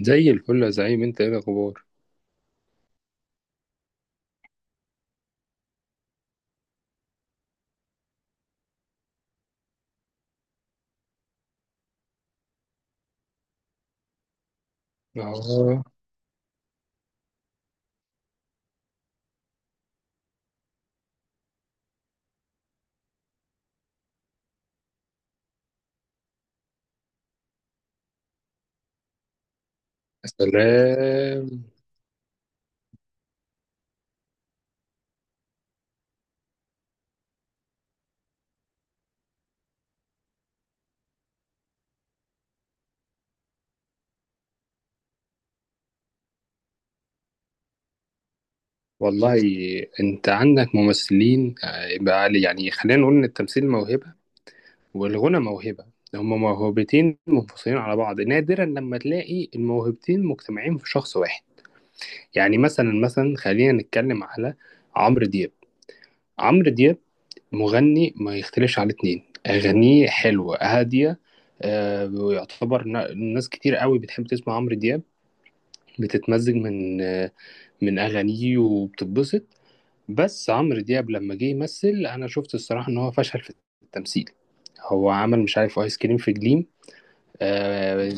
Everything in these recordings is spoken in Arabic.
زي الفل يا زعيم، انت ايه الاخبار؟ اه. يا سلام. والله، انت عندك ممثلين. آه، يبقى علي يعني خلينا نقول ان التمثيل موهبه والغنى موهبه. هما موهبتين منفصلين على بعض، نادرا لما تلاقي الموهبتين مجتمعين في شخص واحد. يعني مثلا خلينا نتكلم على عمرو دياب. عمرو دياب مغني ما يختلفش على اتنين، اغانيه حلوه هاديه. آه، ويعتبر ناس كتير قوي بتحب تسمع عمرو دياب، بتتمزج من اغانيه وبتتبسط. بس عمرو دياب لما جه يمثل، انا شفت الصراحه ان هو فشل في التمثيل. هو عمل مش عارف ايس كريم في جليم. آه.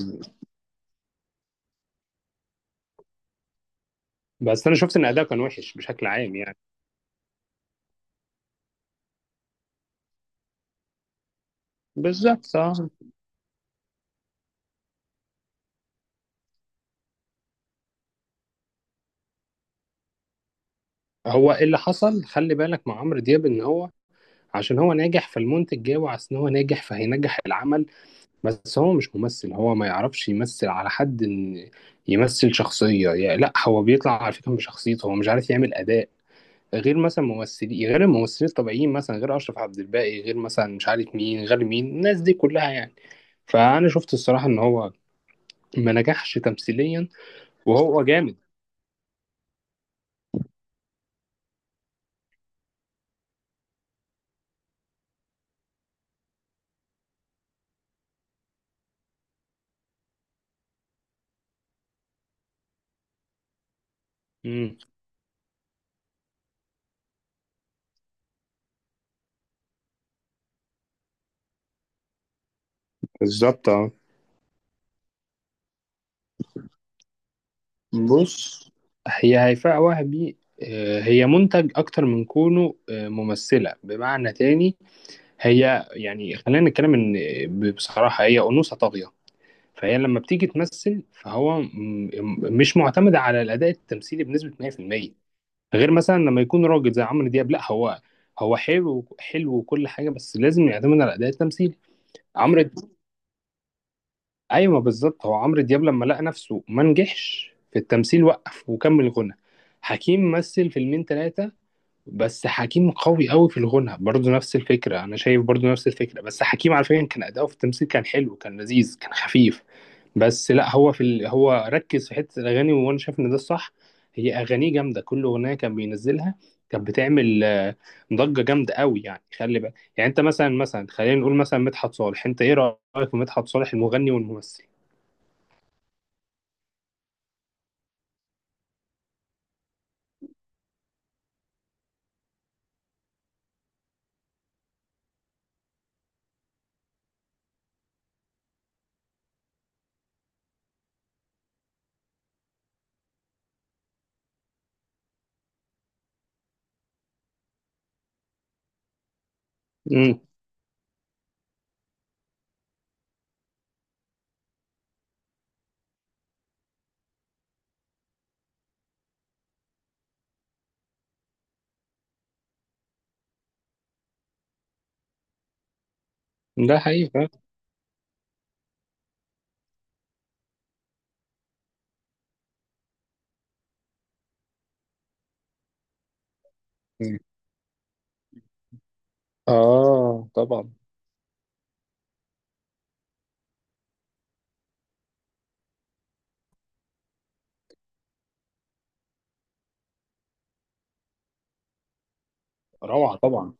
بس انا شفت ان اداؤه كان وحش بشكل عام يعني. بالظبط آه. هو إيه اللي حصل، خلي بالك مع عمرو دياب، ان هو عشان هو ناجح فالمنتج جاي، وعشان هو ناجح فهينجح العمل. بس هو مش ممثل، هو ما يعرفش يمثل على حد ان يمثل شخصية. يعني لا، هو بيطلع على فكرة بشخصيته، هو مش عارف يعمل أداء غير مثلا ممثلين، غير الممثلين الطبيعيين، مثلا غير اشرف عبد الباقي، غير مثلا مش عارف مين، غير مين، الناس دي كلها يعني. فانا شفت الصراحه ان هو ما نجحش تمثيليا. وهو جامد. امم بالظبط اه. بص، هي هيفاء وهبي آه، هي منتج اكتر من كونه آه، ممثله بمعنى تاني. هي يعني خلينا نتكلم ان بصراحه هي انوثه طاغيه. فهي لما بتيجي تمثل فهو مش معتمده على الاداء التمثيلي بنسبه 100%. غير مثلا لما يكون راجل زي عمرو دياب، لا هو، هو حلو حلو وكل حاجه، بس لازم يعتمد على اداء التمثيل. عمرو د- ايوه بالظبط. هو عمرو دياب لما لقى نفسه ما نجحش في التمثيل وقف وكمل غنى. حكيم مثل فيلمين ثلاثه، بس حكيم قوي قوي في الغنى، برضه نفس الفكرة. أنا شايف برضه نفس الفكرة، بس حكيم على فكرة كان أداؤه في التمثيل كان حلو، كان لذيذ، كان خفيف. بس لا هو هو ركز في حتة الأغاني، وأنا شايف إن ده الصح. هي أغانيه جامدة، كل أغنية كان بينزلها كانت بتعمل آه، ضجة جامدة قوي يعني. خلي بالك يعني أنت مثلا خلينا نقول مثلا مدحت صالح، أنت إيه رأيك في مدحت صالح المغني والممثل؟ امم ده حقيقي. آه طبعا. روعة طبعا.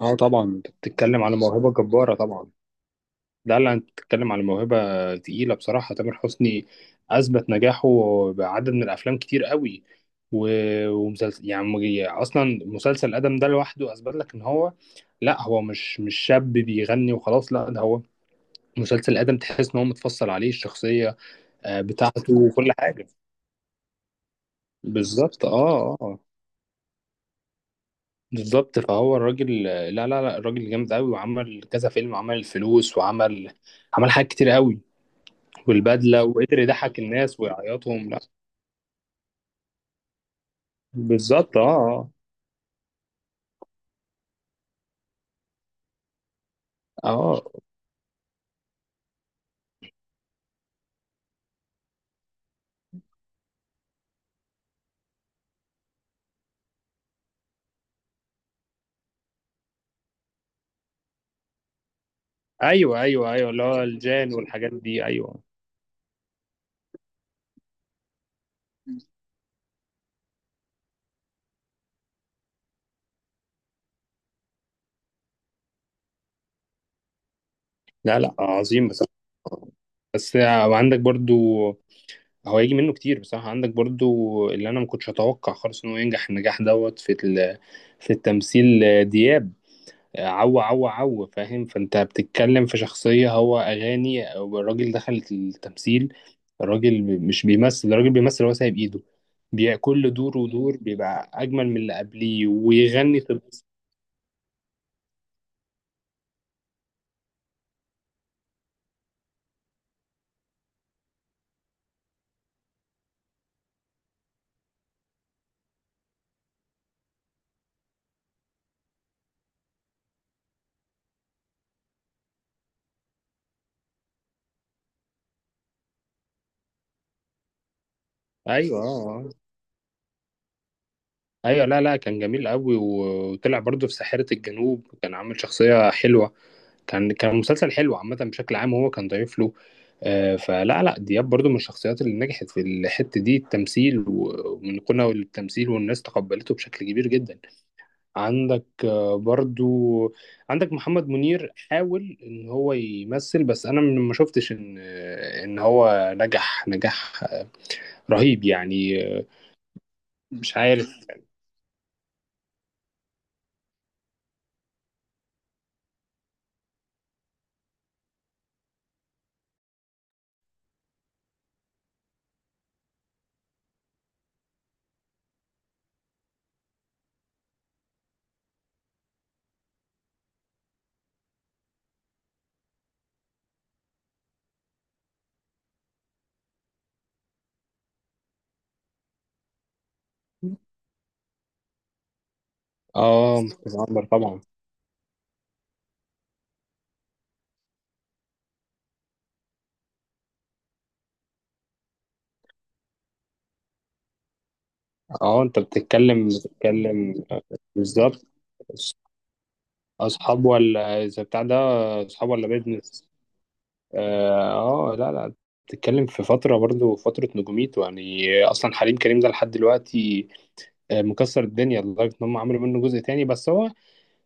اه طبعا، انت بتتكلم على موهبة جبارة طبعا. لا لا، انت بتتكلم على موهبة تقيلة بصراحة. تامر حسني أثبت نجاحه بعدد من الأفلام كتير قوي، و... ومسلسل يعني، أصلا مسلسل آدم ده لوحده أثبت لك إن هو لا، هو مش شاب بيغني وخلاص، لا ده هو. مسلسل آدم تحس إن هو متفصل عليه الشخصية آه، بتاعته وكل حاجة. بالظبط اه اه آه. بالظبط فهو الراجل، لا الراجل جامد قوي، وعمل كذا فيلم، عمل الفلوس، وعمل عمل حاجات كتير قوي. والبدله، وقدر يضحك الناس ويعيطهم، لا. بالظبط اه اه آه. ايوه ايوه ايوه، اللي هو الجان والحاجات دي، ايوه. لا لا، عظيم بصراحه. بس عندك برضو، هو هيجي منه كتير بصراحه. عندك برضو اللي انا ما كنتش اتوقع خالص انه ينجح النجاح دوت في في التمثيل، دياب. عو فاهم، فانت بتتكلم في شخصية، هو أغاني أو الراجل دخل التمثيل. الراجل مش بيمثل، الراجل بيمثل هو سايب إيده. كل دور ودور بيبقى أجمل من اللي قبليه، ويغني في القصة. أيوه آه، آه. أيوه لا لا، كان جميل أوي، وطلع برضه في ساحرة الجنوب، كان عامل شخصية حلوة. كان كان مسلسل حلو عامة بشكل عام، وهو كان ضيف له. آه، فلا لا دياب برضو من الشخصيات اللي نجحت في الحتة دي، التمثيل ومن قناة للتمثيل، والناس تقبلته بشكل كبير جدا. عندك آه، برضو عندك محمد منير حاول ان هو يمثل، بس انا ما شفتش ان آه، ان هو نجح نجاح آه، رهيب يعني آه، مش عارف. اه مصطفى عمر طبعا. اه انت بتتكلم بتتكلم آه، بالظبط. اصحاب ولا اذا بتاع ده، اصحاب ولا بيزنس. اه آه، لا لا، بتتكلم في فتره، برضو فتره نجوميته يعني. اصلا حليم كريم ده لحد دلوقتي آه، مكسر الدنيا، لدرجه ان هم عملوا منه جزء تاني. بس هو آه،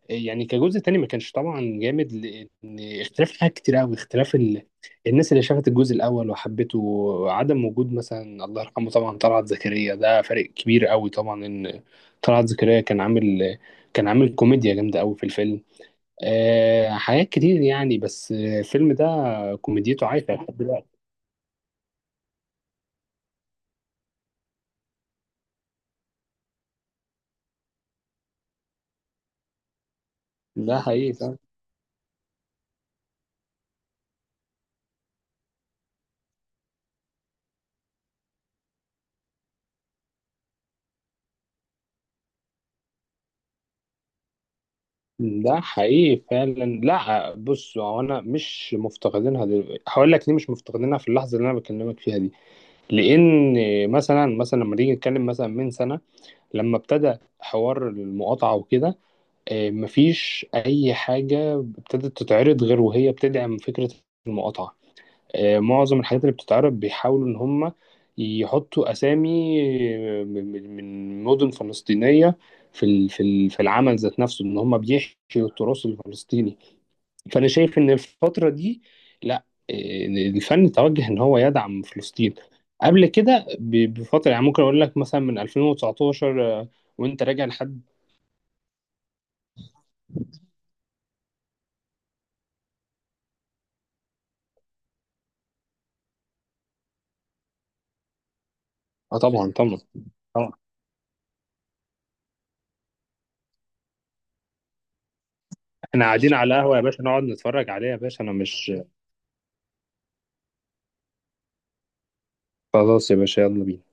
يعني كجزء تاني ما كانش طبعا جامد، لان اختلاف حاجات كتير قوي، اختلاف الناس اللي شافت الجزء الاول وحبته، وعدم وجود مثلا الله يرحمه طبعا طلعت زكريا، ده فارق كبير قوي طبعا. ان طلعت زكريا كان عامل، كان عامل كوميديا جامده قوي في الفيلم آه، حاجات كتير يعني. بس آه، الفيلم ده كوميديته عايشة لحد دلوقتي. ده حقيقي فعلا. ده حقيقي فعلا. لا بص، هو انا مش مفتقدينها دلوقتي، هقول لك ليه مش مفتقدينها في اللحظه اللي انا بكلمك فيها دي. لان مثلا لما نيجي نتكلم مثلا من سنه لما ابتدى حوار المقاطعه وكده آه، مفيش اي حاجه ابتدت تتعرض غير وهي بتدعم فكره المقاطعه. آه، معظم الحاجات اللي بتتعرض بيحاولوا ان هم يحطوا اسامي آه، من مدن فلسطينيه في في العمل ذات نفسه، ان هم بيحشوا التراث الفلسطيني. فانا شايف ان الفتره دي، لا آه، الفن توجه ان هو يدعم فلسطين. قبل كده بفتره يعني ممكن اقول لك مثلا من 2019 آه، وانت راجع لحد. اه طبعا طبعا طبعا. احنا قاعدين على قهوه يا باشا، نقعد نتفرج عليها يا باشا، انا مش. خلاص يا باشا، يلا بينا.